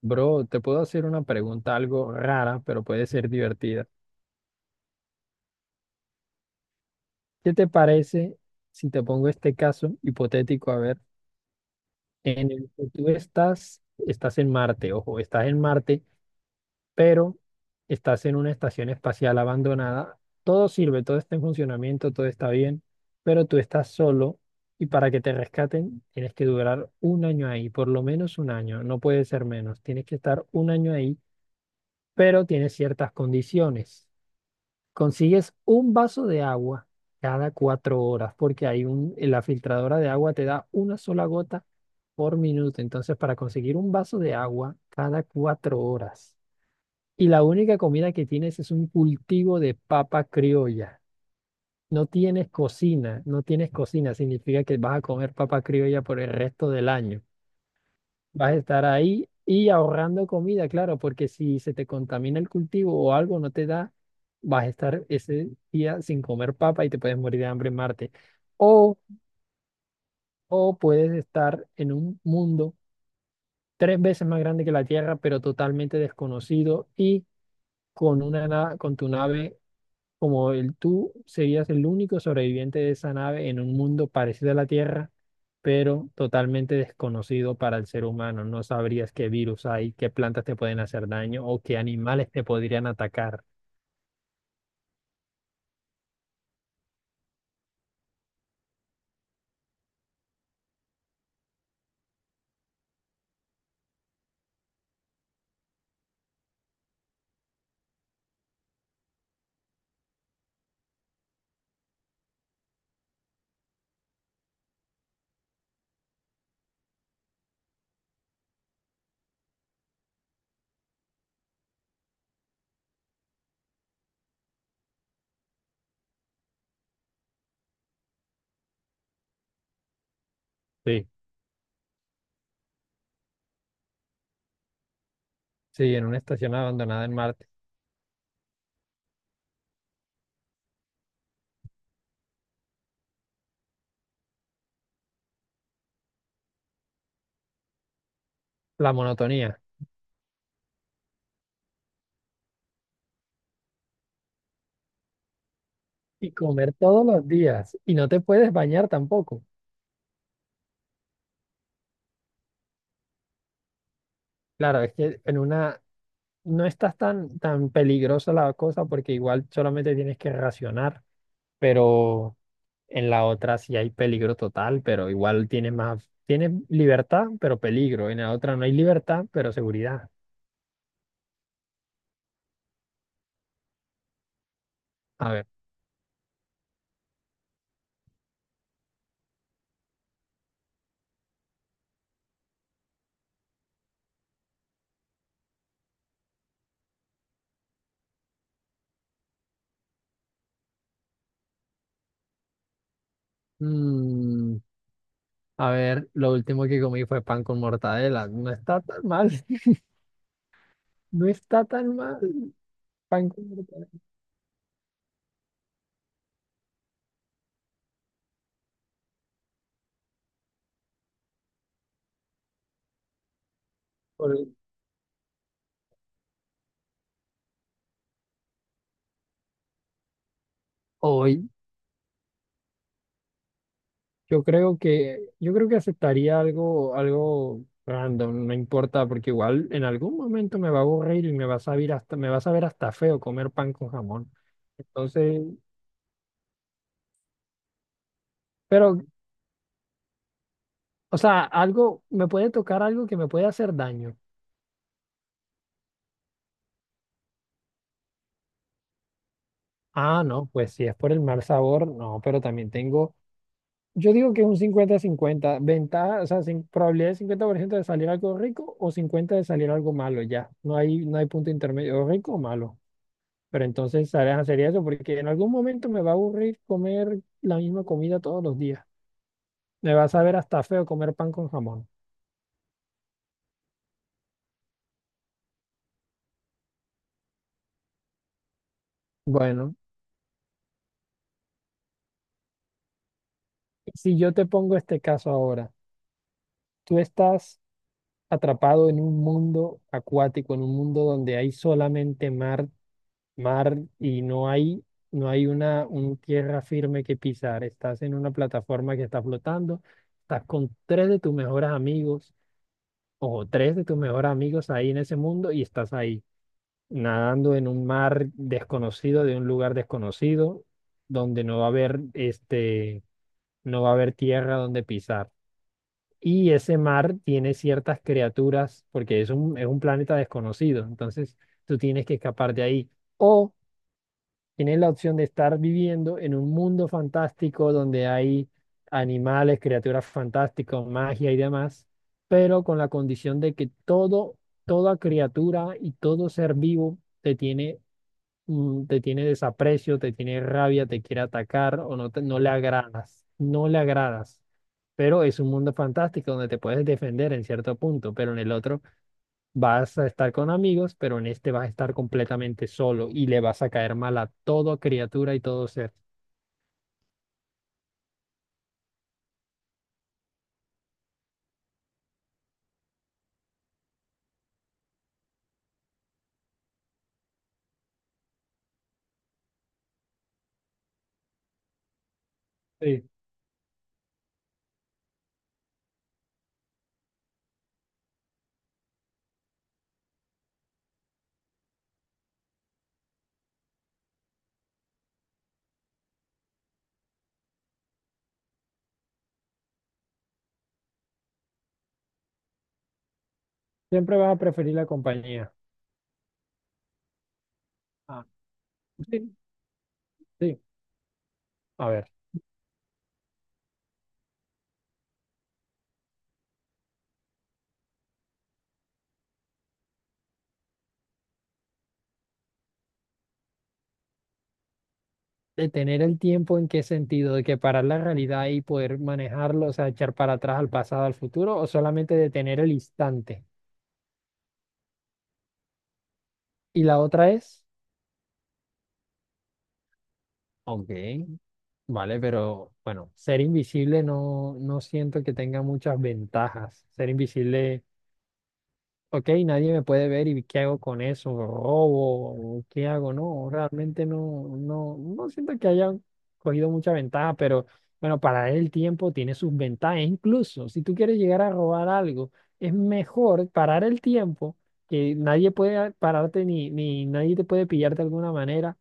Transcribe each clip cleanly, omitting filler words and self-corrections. Bro, te puedo hacer una pregunta algo rara, pero puede ser divertida. ¿Qué te parece si te pongo este caso hipotético? A ver, en el que tú estás en Marte, ojo, estás en Marte, pero estás en una estación espacial abandonada. Todo sirve, todo está en funcionamiento, todo está bien, pero tú estás solo y para que te rescaten tienes que durar un año ahí, por lo menos un año, no puede ser menos. Tienes que estar un año ahí, pero tienes ciertas condiciones. Consigues un vaso de agua cada 4 horas porque hay la filtradora de agua te da una sola gota por minuto. Entonces, para conseguir un vaso de agua cada 4 horas. Y la única comida que tienes es un cultivo de papa criolla. No tienes cocina, no tienes cocina. Significa que vas a comer papa criolla por el resto del año. Vas a estar ahí y ahorrando comida, claro, porque si se te contamina el cultivo o algo no te da, vas a estar ese día sin comer papa y te puedes morir de hambre en Marte. O, o puedes estar en un mundo 3 veces más grande que la Tierra, pero totalmente desconocido y con con tu nave como el tú serías el único sobreviviente de esa nave en un mundo parecido a la Tierra, pero totalmente desconocido para el ser humano. No sabrías qué virus hay, qué plantas te pueden hacer daño o qué animales te podrían atacar. Sí, sí, en una estación abandonada en Marte. La monotonía. Y comer todos los días. Y no te puedes bañar tampoco. Claro, es que en una no estás tan peligrosa la cosa porque igual solamente tienes que racionar, pero... En la otra sí hay peligro total, pero igual tiene más, tiene libertad, pero peligro. En la otra no hay libertad, pero seguridad. A ver. mm, a ver, lo último que comí fue pan con mortadela. No está tan mal. No está tan mal. Pan con mortadela. Por Hoy yo creo que aceptaría algo random, no importa, porque igual en algún momento me va a aburrir y me va a saber hasta me va a saber hasta feo comer pan con jamón. Entonces, pero, o sea, algo, me puede tocar algo que me puede hacer daño. Ah, no, pues si es por el mal sabor, no, pero también tengo, yo digo que es un 50-50, ventaja, o sea, sin, probabilidad de 50% de salir algo rico o 50 de salir algo malo, ya. No hay, no hay punto intermedio, o rico o malo. Pero entonces, ¿sabes? Sería eso, porque en algún momento me va a aburrir comer la misma comida todos los días. Me va a saber hasta feo comer pan con jamón. Bueno, si yo te pongo este caso ahora, tú estás atrapado en un mundo acuático, en un mundo donde hay solamente mar, mar y no hay una un tierra firme que pisar. Estás en una plataforma que está flotando, estás con tres de tus mejores amigos o tres de tus mejores amigos ahí en ese mundo y estás ahí, nadando en un mar desconocido, de un lugar desconocido, donde no va a haber este, no va a haber tierra donde pisar. Y ese mar tiene ciertas criaturas, porque es un planeta desconocido, entonces tú tienes que escapar de ahí. O tienes la opción de estar viviendo en un mundo fantástico donde hay animales, criaturas fantásticas, magia y demás, pero con la condición de que todo, toda criatura y todo ser vivo te tiene, te tiene desaprecio, te tiene rabia, te quiere atacar o no, no le agradas, no le agradas, pero es un mundo fantástico donde te puedes defender en cierto punto, pero en el otro vas a estar con amigos, pero en este vas a estar completamente solo y le vas a caer mal a toda criatura y todo ser. Sí, siempre vas a preferir la compañía. Ah, sí, sí. A ver, detener el tiempo, ¿en qué sentido? ¿De que parar la realidad y poder manejarlo, o sea, echar para atrás al pasado, al futuro, o solamente detener el instante? Y la otra es, ok. Vale, pero bueno, ser invisible no, no siento que tenga muchas ventajas. Ser invisible, ok, nadie me puede ver y, ¿qué hago con eso? ¿Robo? ¿Qué hago? No, realmente no, no, no siento que haya cogido mucha ventaja, pero bueno, para el tiempo tiene sus ventajas. Incluso si tú quieres llegar a robar algo, es mejor parar el tiempo, que nadie puede pararte ni nadie te puede pillar de alguna manera.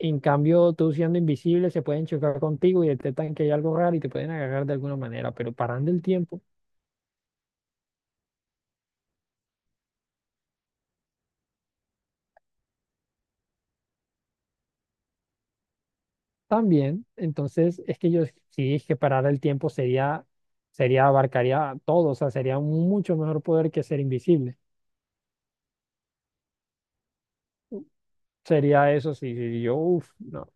En cambio, tú siendo invisible, se pueden chocar contigo y detectan que hay algo raro y te pueden agarrar de alguna manera, pero parando el tiempo también. Entonces, es que yo sí, es que parar el tiempo sería, abarcaría todo, o sea, sería un mucho mejor poder que ser invisible. Sería eso, sí, sí, yo, uff, no.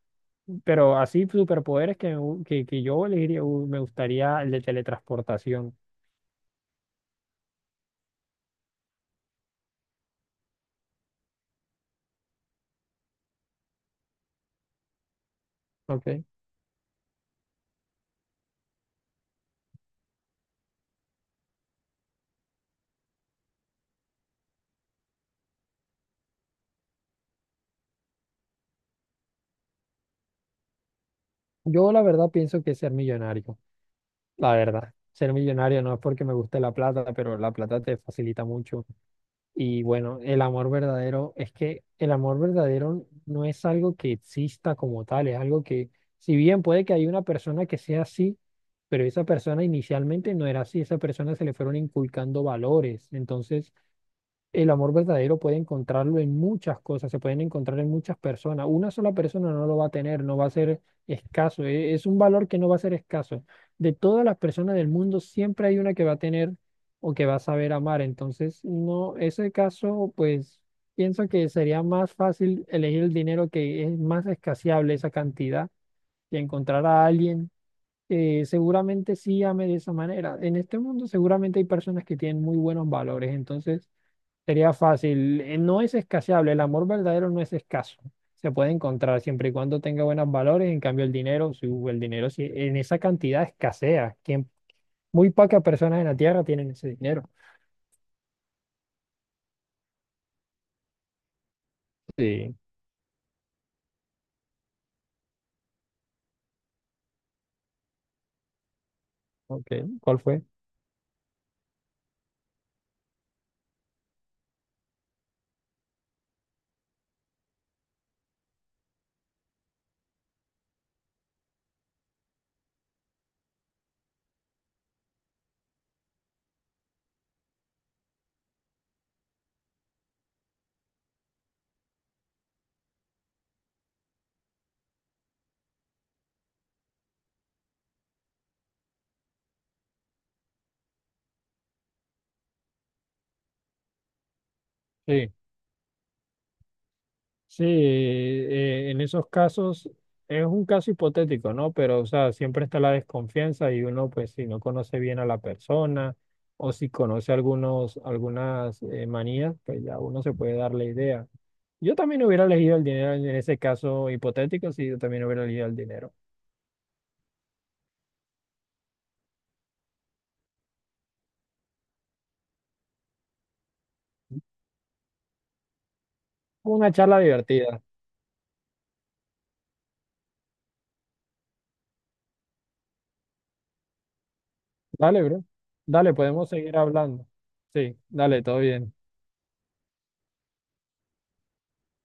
Pero así, superpoderes que yo elegiría, me gustaría el de teletransportación, ¿ok? Yo la verdad pienso que ser millonario. La verdad, ser millonario no es porque me guste la plata, pero la plata te facilita mucho. Y bueno, el amor verdadero, es que el amor verdadero no es algo que exista como tal, es algo que, si bien puede que haya una persona que sea así, pero esa persona inicialmente no era así, esa persona se le fueron inculcando valores. Entonces, el amor verdadero puede encontrarlo en muchas cosas, se pueden encontrar en muchas personas. Una sola persona no lo va a tener, no va a ser escaso, es un valor que no va a ser escaso. De todas las personas del mundo, siempre hay una que va a tener o que va a saber amar. Entonces, no, ese caso, pues pienso que sería más fácil elegir el dinero, que es más escaseable esa cantidad, y encontrar a alguien que seguramente sí ame de esa manera. En este mundo, seguramente hay personas que tienen muy buenos valores, entonces. Sería fácil. No es escaseable. El amor verdadero no es escaso. Se puede encontrar siempre y cuando tenga buenos valores. En cambio, el dinero, si hubo el dinero, si en esa cantidad escasea. Quien, muy pocas personas en la Tierra tienen ese dinero. Sí, ok, ¿cuál fue? Sí. Sí, en esos casos es un caso hipotético, ¿no? Pero, o sea, siempre está la desconfianza y uno, pues, si no conoce bien a la persona o si conoce algunas manías, pues ya uno se puede dar la idea. Yo también hubiera elegido el dinero en ese caso hipotético, sí, yo también hubiera elegido el dinero. Una charla divertida. Dale, bro. Dale, podemos seguir hablando. Sí, dale, todo bien.